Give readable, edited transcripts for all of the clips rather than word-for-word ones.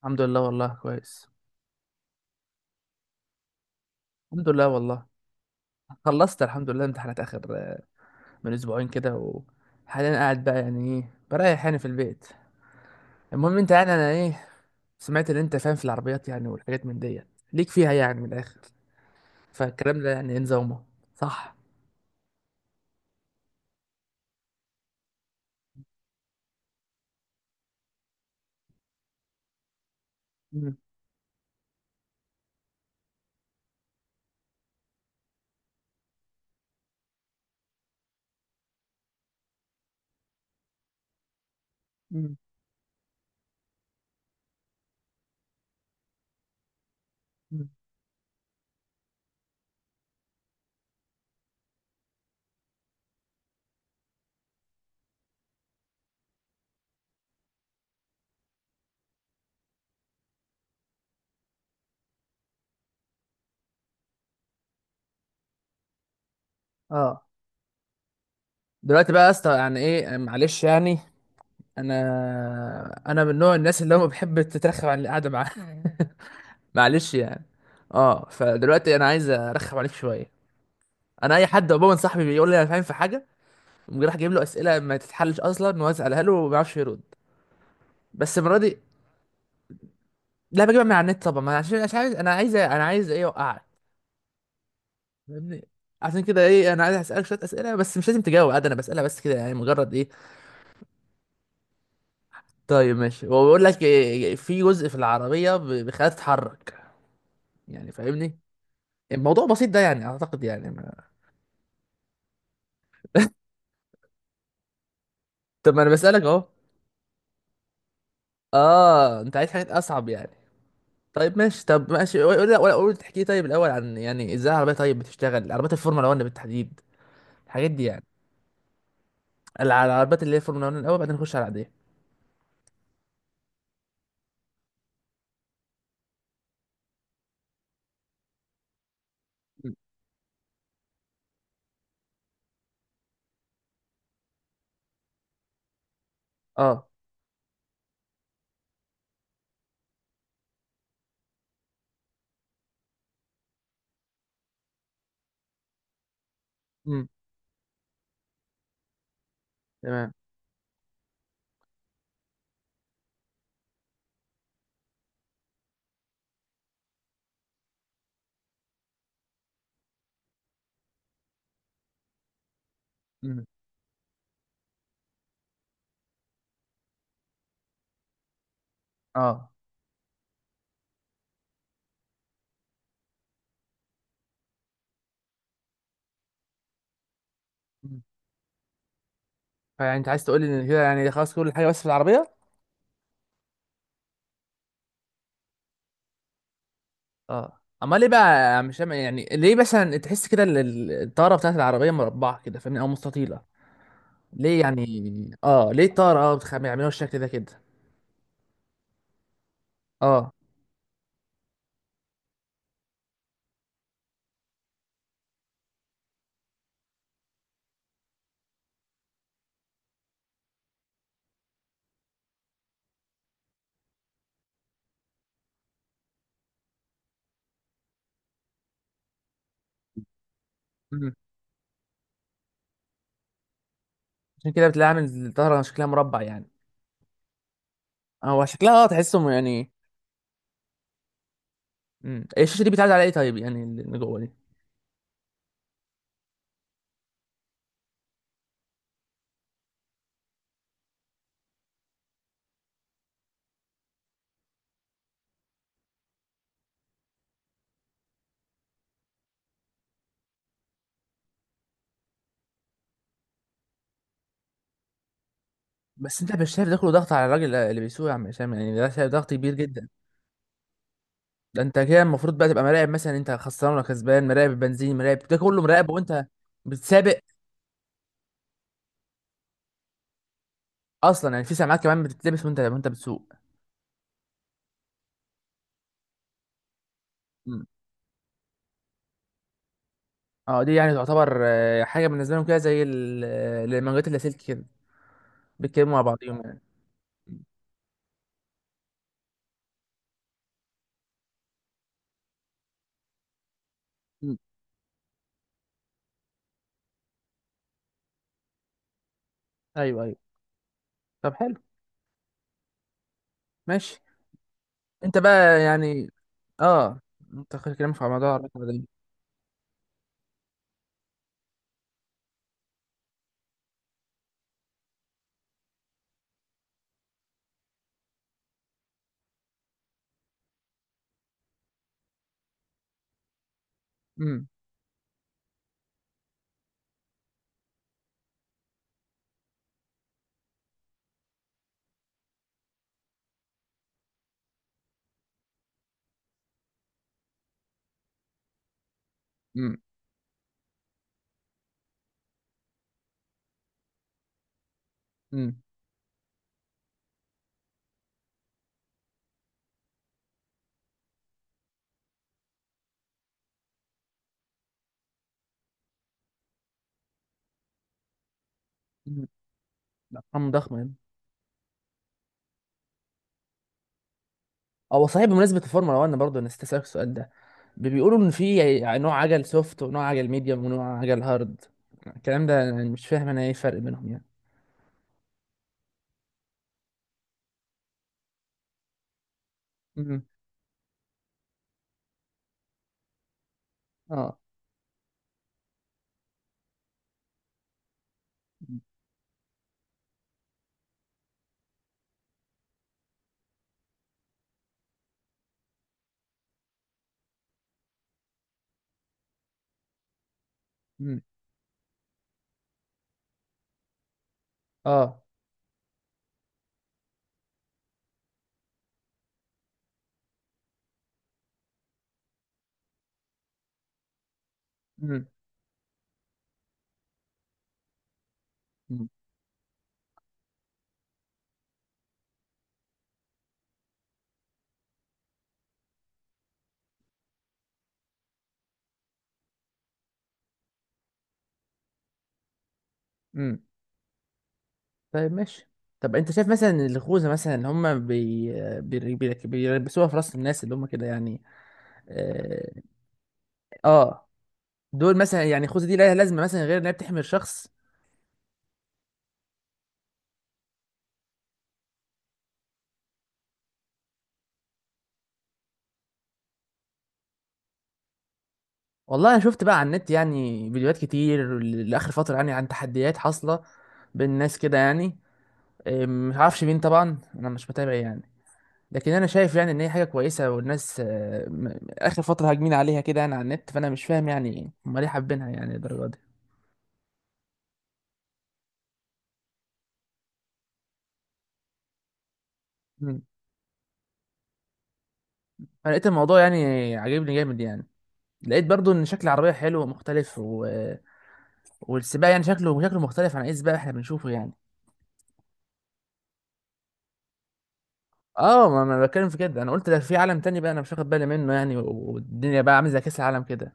الحمد لله والله كويس. الحمد لله والله خلصت الحمد لله امتحانات اخر من اسبوعين كده. وحاليا قاعد بقى يعني ايه بريح يعني في البيت. المهم انت يعني انا ايه سمعت ان انت فاهم في العربيات يعني والحاجات من ديت ليك فيها يعني من الاخر. فالكلام ده يعني ايه نظامه، صح؟ مم. مم. مم. اه، دلوقتي بقى يا اسطى يعني ايه معلش يعني، انا من نوع الناس اللي هم بحب تترخم عن القعده معاه. معلش يعني. اه، فدلوقتي انا عايز ارخم عليك شويه. انا اي حد عموما صاحبي بيقول لي انا فاهم في حاجه، قوم راح جايب له اسئله ما تتحلش اصلا واسالها له وما بيعرفش يرد. بس المره دي لا، بجيبها من على النت طبعا، ما أنا عشان مش عايز، انا عايز انا عايز ايه اوقعك، فاهمني؟ عشان كده ايه انا عايز اسالك شويه اسئله، بس مش لازم تجاوب عادي، انا بسالها بس كده يعني مجرد ايه. طيب ماشي، هو بيقول لك إيه، في جزء في العربيه بيخليها تتحرك، يعني فاهمني؟ الموضوع بسيط ده يعني اعتقد يعني ما... طب ما انا بسالك اهو. اه، انت عايز حاجات اصعب يعني. طيب ماشي، طب ماشي قول لا، ولا قول تحكي طيب الاول عن يعني ازاي العربيه، طيب بتشتغل عربيات الفورمولا 1 بالتحديد، الحاجات دي يعني. العربيات اللي هي الفورمولا 1 الاول، بعدين نخش على العاديه. مم. اه. مم. تمام. مم. اه. مم. فيعني انت عايز تقول لي ان كده يعني خلاص كل حاجه بس في العربيه؟ اه، امال ليه بقى، مش يعني ليه مثلا تحس كده الطاره بتاعت العربيه مربعه كده، فاهمني، او مستطيله؟ ليه يعني؟ اه، ليه الطاره، اه، بيعملوها بالشكل ده كده؟ اه. مم. عشان كده بتلاقي عامل الطاره شكلها مربع يعني. هو شكلها اه تحسهم يعني. الشاشه دي بتعدي على ايه طيب يعني اللي جوه دي؟ بس انت مش شايف ده كله ضغط على الراجل اللي بيسوق يا عم هشام؟ يعني ده شايف ضغط كبير جدا. ده انت كده المفروض بقى تبقى مراقب مثلا انت خسران ولا كسبان، مراقب البنزين، مراقب ده كله، مراقب وانت بتسابق. اصلا يعني في سماعات كمان بتتلبس وانت بتسوق؟ امم. اه، دي يعني تعتبر حاجه بالنسبه لهم كده زي المانجات اللاسلكي كده، بيتكلموا مع بعضهم يعني. امم. ايوه ايوه. طب حلو. ماشي. انت بقى يعني، اه، انت كلامك على موضوع الرقم ده. امم. امم. امم. ارقام ضخمه يعني. هو صحيح بمناسبه الفورمولا 1 برضه، انا استسألك السؤال ده، بيقولوا ان في يعني نوع عجل سوفت، ونوع عجل ميديوم، ونوع عجل هارد. الكلام ده انا مش فاهم، انا ايه الفرق بينهم يعني؟ امم. اه. امم. اه. امم. امم. امم. طيب ماشي. طب انت شايف مثلا إن الخوذه مثلا اللي هم بيلبسوها في راس الناس اللي هم كده يعني؟ اه. آه، دول مثلا يعني الخوذه دي لها لازمه مثلا غير انها بتحمي الشخص؟ والله انا شفت بقى على النت يعني فيديوهات كتير لاخر فتره يعني عن تحديات حاصله بين الناس كده يعني. مش عارفش مين طبعا، انا مش متابع يعني، لكن انا شايف يعني ان هي حاجه كويسه، والناس اخر فتره هاجمين عليها كده يعني على النت، فانا مش فاهم يعني هم ليه حابينها يعني الدرجه دي. مم. انا لقيت الموضوع يعني عاجبني جامد يعني، لقيت برضو ان شكل العربيه حلو ومختلف و... والسباق يعني شكله مختلف عن اي سباق احنا بنشوفه يعني. اه، ما انا بتكلم في كده. انا قلت ده في عالم تاني بقى، انا مش واخد بالي منه يعني، والدنيا بقى عامله زي كاس العالم كده.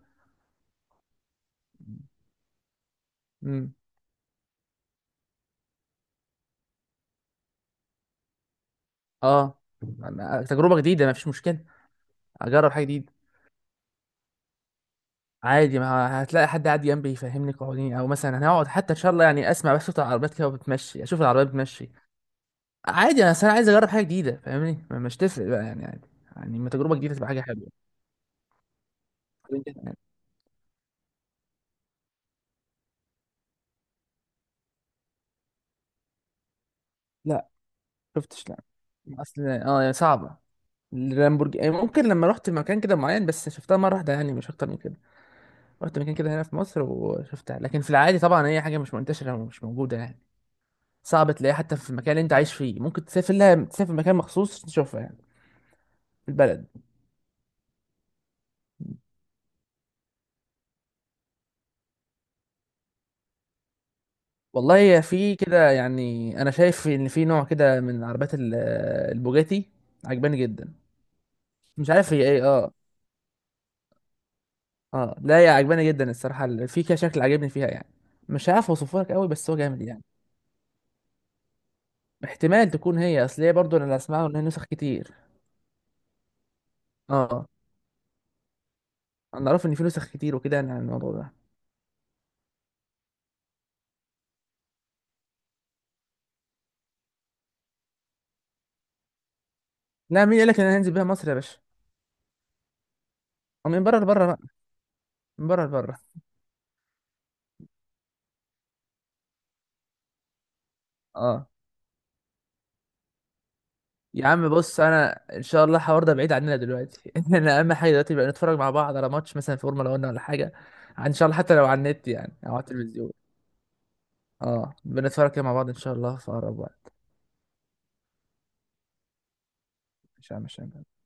امم. اه، تجربه جديده، ما فيش مشكله. اجرب حاجه جديده. عادي، ما هتلاقي حد قاعد جنبي يفهمني قوانين، او مثلا هنقعد حتى ان شاء الله يعني اسمع بس صوت العربيات كده بتمشي، اشوف العربيات بتمشي. عادي، انا اصل انا عايز اجرب حاجه جديده، فاهمني، مش تفرق بقى يعني عادي. يعني ما تجربه جديده تبقى حاجه حلوه. لا، شفتش، لا. اصل اه يعني صعبه. اللامبورجيني يعني، ممكن لما رحت مكان كده معين بس شفتها مره واحده يعني، مش اكتر من كده. رحت مكان كده هنا في مصر وشفتها، لكن في العادي طبعا هي حاجة مش منتشرة ومش موجودة يعني. صعب تلاقيها حتى في المكان اللي انت عايش فيه، ممكن تسافر لها، تسافر مكان مخصوص تشوفها يعني في البلد. والله هي في كده يعني، انا شايف ان في نوع كده من عربيات البوجاتي، عجباني جدا. مش عارف هي ايه، اه. اه، لا، هي عجباني جدا الصراحة، في كده شكل عاجبني فيها يعني، مش عارف اوصفه لك قوي بس هو جامد يعني. احتمال تكون هي، اصل هي برضه انا اللي اسمعه ان هي نسخ كتير. اه، انا اعرف ان في نسخ كتير وكده يعني عن الموضوع ده. لا، مين قال لك ان انا هنزل بيها مصر يا باشا؟ أو من بره لبره بقى، من بره لبره. اه، يا عم بص، انا ان شاء الله الحوار ده بعيد عننا دلوقتي. انا اهم حاجه دلوقتي بقى نتفرج مع بعض على ماتش مثلا فورمولا 1 ولا حاجه، ان شاء الله حتى لو على النت يعني او على التلفزيون. اه، بنتفرج كده مع بعض ان شاء الله في اقرب وقت. مش عارف، مش عارف.